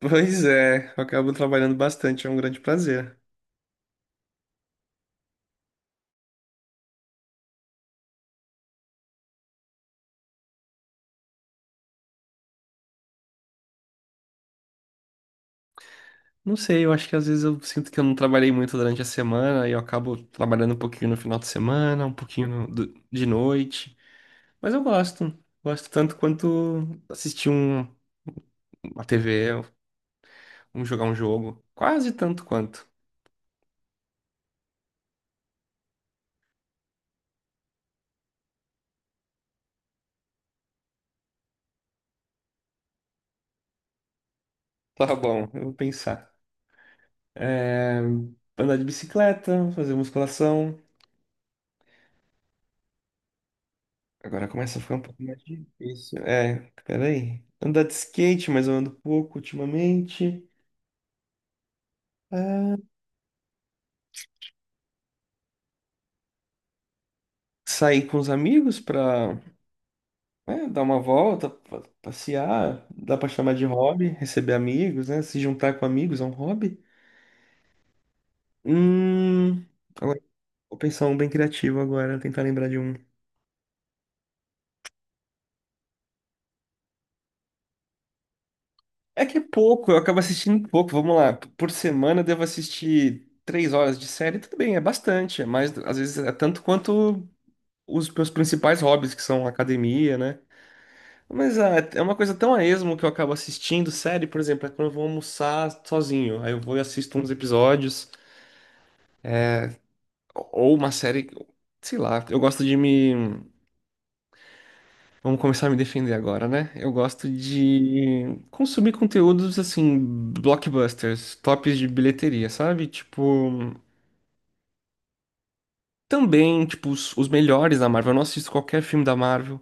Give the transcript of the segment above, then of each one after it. Pois é, eu acabo trabalhando bastante, é um grande prazer. Não sei, eu acho que às vezes eu sinto que eu não trabalhei muito durante a semana e eu acabo trabalhando um pouquinho no final de semana, um pouquinho de noite. Mas eu gosto, gosto tanto quanto assistir uma TV, jogar um jogo, quase tanto quanto. Tá bom, eu vou pensar. É, andar de bicicleta, fazer musculação. Agora começa a ficar um pouco mais difícil. É, peraí. Andar de skate, mas eu ando pouco ultimamente. Sair com os amigos pra, né, dar uma volta, passear, dá pra chamar de hobby, receber amigos, né? Se juntar com amigos é um hobby. Hum, agora vou pensar um bem criativo agora, tentar lembrar de um. É que é pouco, eu acabo assistindo pouco, vamos lá. Por semana eu devo assistir 3 horas de série, tudo bem, é bastante, mas às vezes é tanto quanto os meus principais hobbies, que são academia, né? Mas ah, é uma coisa tão a esmo que eu acabo assistindo série, por exemplo, é quando eu vou almoçar sozinho. Aí eu vou e assisto uns episódios, ou uma série, sei lá. Eu gosto de me. Vamos começar a me defender agora, né? Eu gosto de consumir conteúdos assim, blockbusters, tops de bilheteria, sabe? Tipo, também, tipo, os melhores da Marvel. Eu não assisto qualquer filme da Marvel.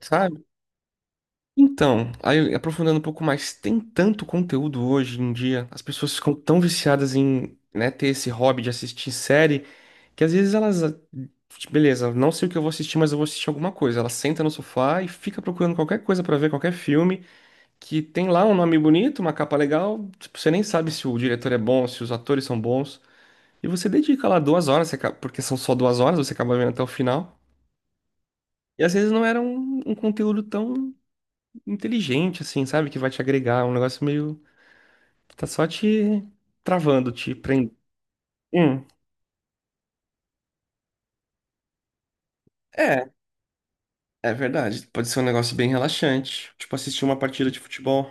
Sabe? Então, aí aprofundando um pouco mais, tem tanto conteúdo hoje em dia, as pessoas ficam tão viciadas em, né, ter esse hobby de assistir série, que às vezes elas, tipo, beleza, não sei o que eu vou assistir, mas eu vou assistir alguma coisa. Ela senta no sofá e fica procurando qualquer coisa pra ver, qualquer filme, que tem lá um nome bonito, uma capa legal, tipo, você nem sabe se o diretor é bom, se os atores são bons, e você dedica lá 2 horas, você porque são só 2 horas, você acaba vendo até o final. E às vezes não era um conteúdo tão inteligente, assim, sabe? Que vai te agregar. Um negócio meio. Que tá só te travando, te prendendo. Hum. É, é verdade. Pode ser um negócio bem relaxante. Tipo, assistir uma partida de futebol.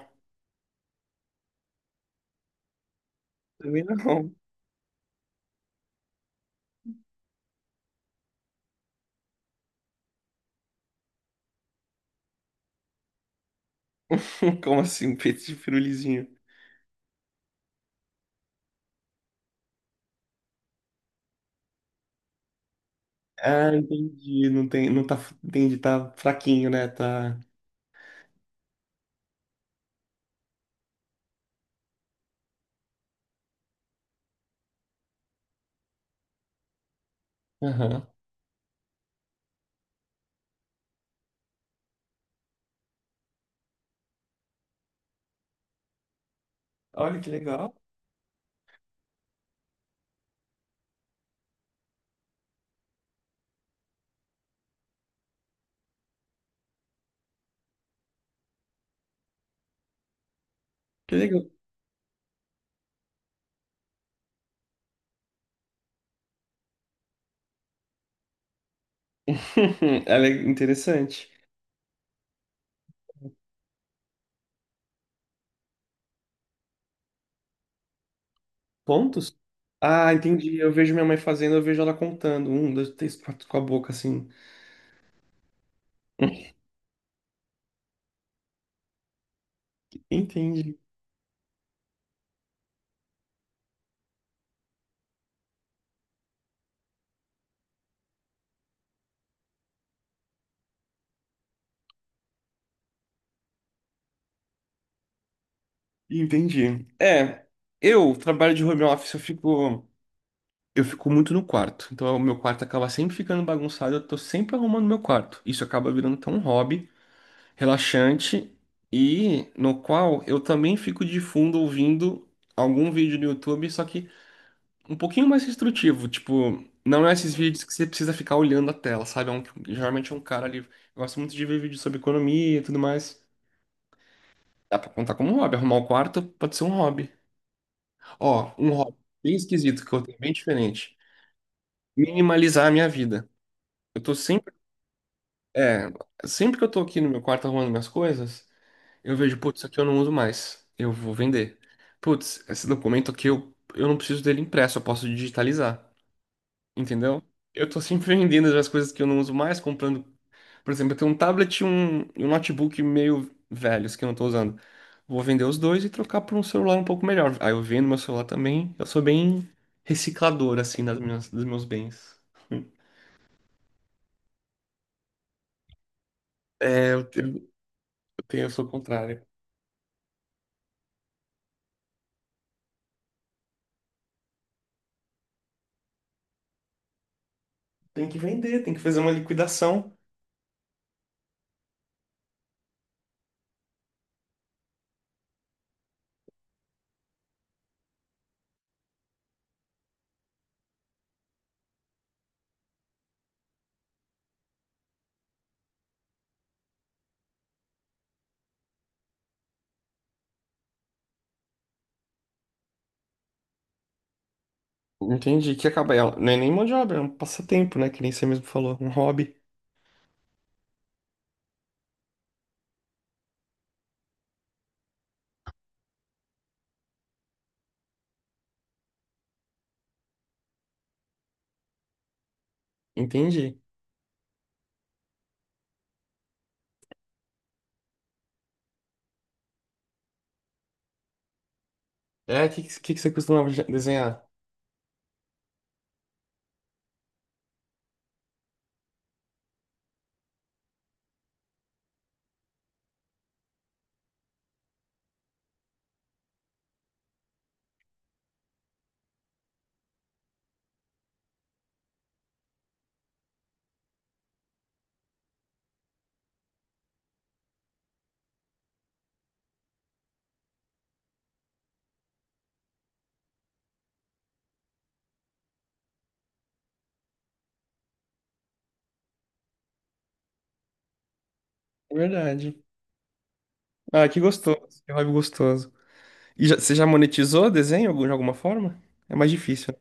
Também não. Como assim, um peito de pirulizinho? Ah, entendi. Não tem, não tá, entendi, tá fraquinho, né? Tá. Aham. Olha que legal. Que legal. Ela é interessante. Pontos? Ah, entendi. Eu vejo minha mãe fazendo, eu vejo ela contando. Um, dois, três, quatro com a boca assim. Entendi. Entendi. É, eu trabalho de home office, eu fico muito no quarto. Então, o meu quarto acaba sempre ficando bagunçado, eu tô sempre arrumando meu quarto. Isso acaba virando até um hobby relaxante e no qual eu também fico de fundo ouvindo algum vídeo no YouTube, só que um pouquinho mais instrutivo, tipo, não é esses vídeos que você precisa ficar olhando a tela, sabe? É um, geralmente é um cara ali, eu gosto muito de ver vídeos sobre economia e tudo mais. Dá pra contar como um hobby, arrumar o quarto pode ser um hobby. Ó, um hobby bem esquisito que eu tenho, bem diferente. Minimalizar a minha vida. Eu tô sempre, é, sempre que eu tô aqui no meu quarto arrumando minhas coisas, eu vejo, putz, isso aqui eu não uso mais. Eu vou vender. Putz, esse documento aqui eu não preciso dele impresso, eu posso digitalizar. Entendeu? Eu tô sempre vendendo as coisas que eu não uso mais, comprando. Por exemplo, eu tenho um tablet e um notebook meio velhos que eu não tô usando. Vou vender os dois e trocar por um celular um pouco melhor. Aí eu vendo meu celular também. Eu sou bem reciclador, assim, das minhas, dos meus bens. É, eu tenho, eu sou o contrário. Tem que vender, tem que fazer uma liquidação. Entendi, que acaba ela. Não é nem mão de obra, é um passatempo, né? Que nem você mesmo falou, um hobby. Entendi. É, o que você costumava desenhar? É verdade. Ah, que gostoso, que hobby gostoso. Você já monetizou desenho de alguma forma? É mais difícil, né?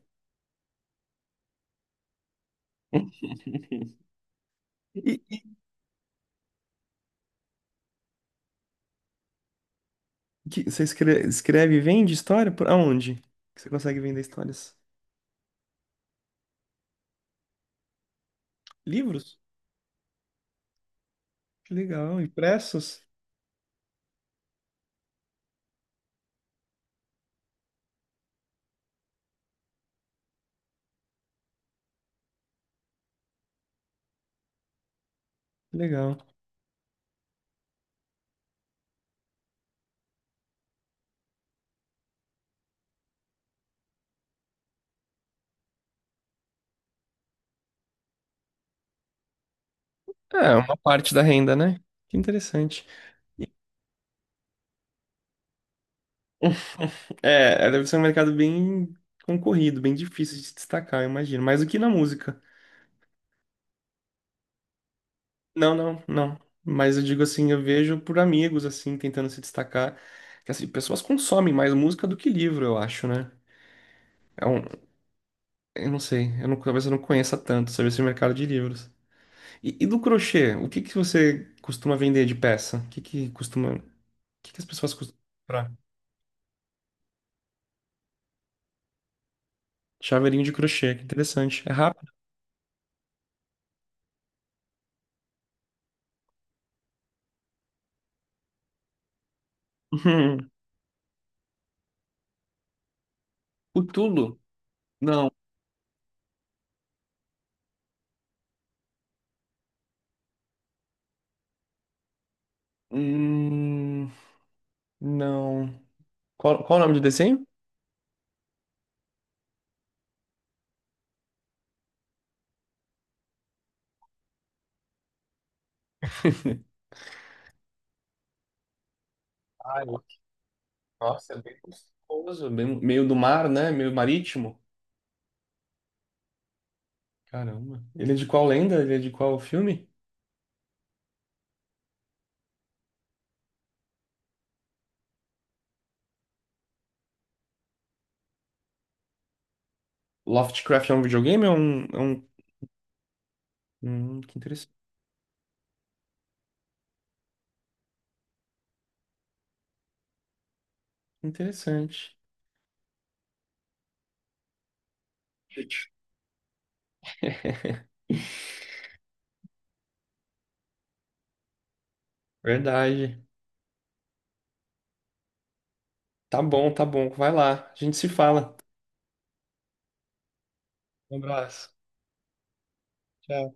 E, você escreve e vende história? Por aonde? Que você consegue vender histórias? Livros? Que legal. Impressos? Que legal. É, uma parte da renda, né? Que interessante. E- É, deve ser um mercado bem concorrido, bem difícil de se destacar, eu imagino. Mais do que na música. Não, não, não. Mas eu digo assim, eu vejo por amigos, assim, tentando se destacar. Que, assim, pessoas consomem mais música do que livro, eu acho, né? É um, eu não sei, eu não, talvez eu não conheça tanto sobre esse mercado de livros. E do crochê, o que que você costuma vender de peça? O que que costuma, o que que as pessoas costumam comprar? Chaveirinho de crochê, que interessante. É rápido? Uhum. O Tulo? Não. Hum, não. Qual o nome do desenho? Ah, nossa, é bem gostoso, meio do mar, né? Meio marítimo. Caramba. Ele é de qual lenda? Ele é de qual filme? Lovecraft é um videogame? É um... que interessante. Verdade. Tá bom, tá bom. Vai lá. A gente se fala. Um abraço. Tchau.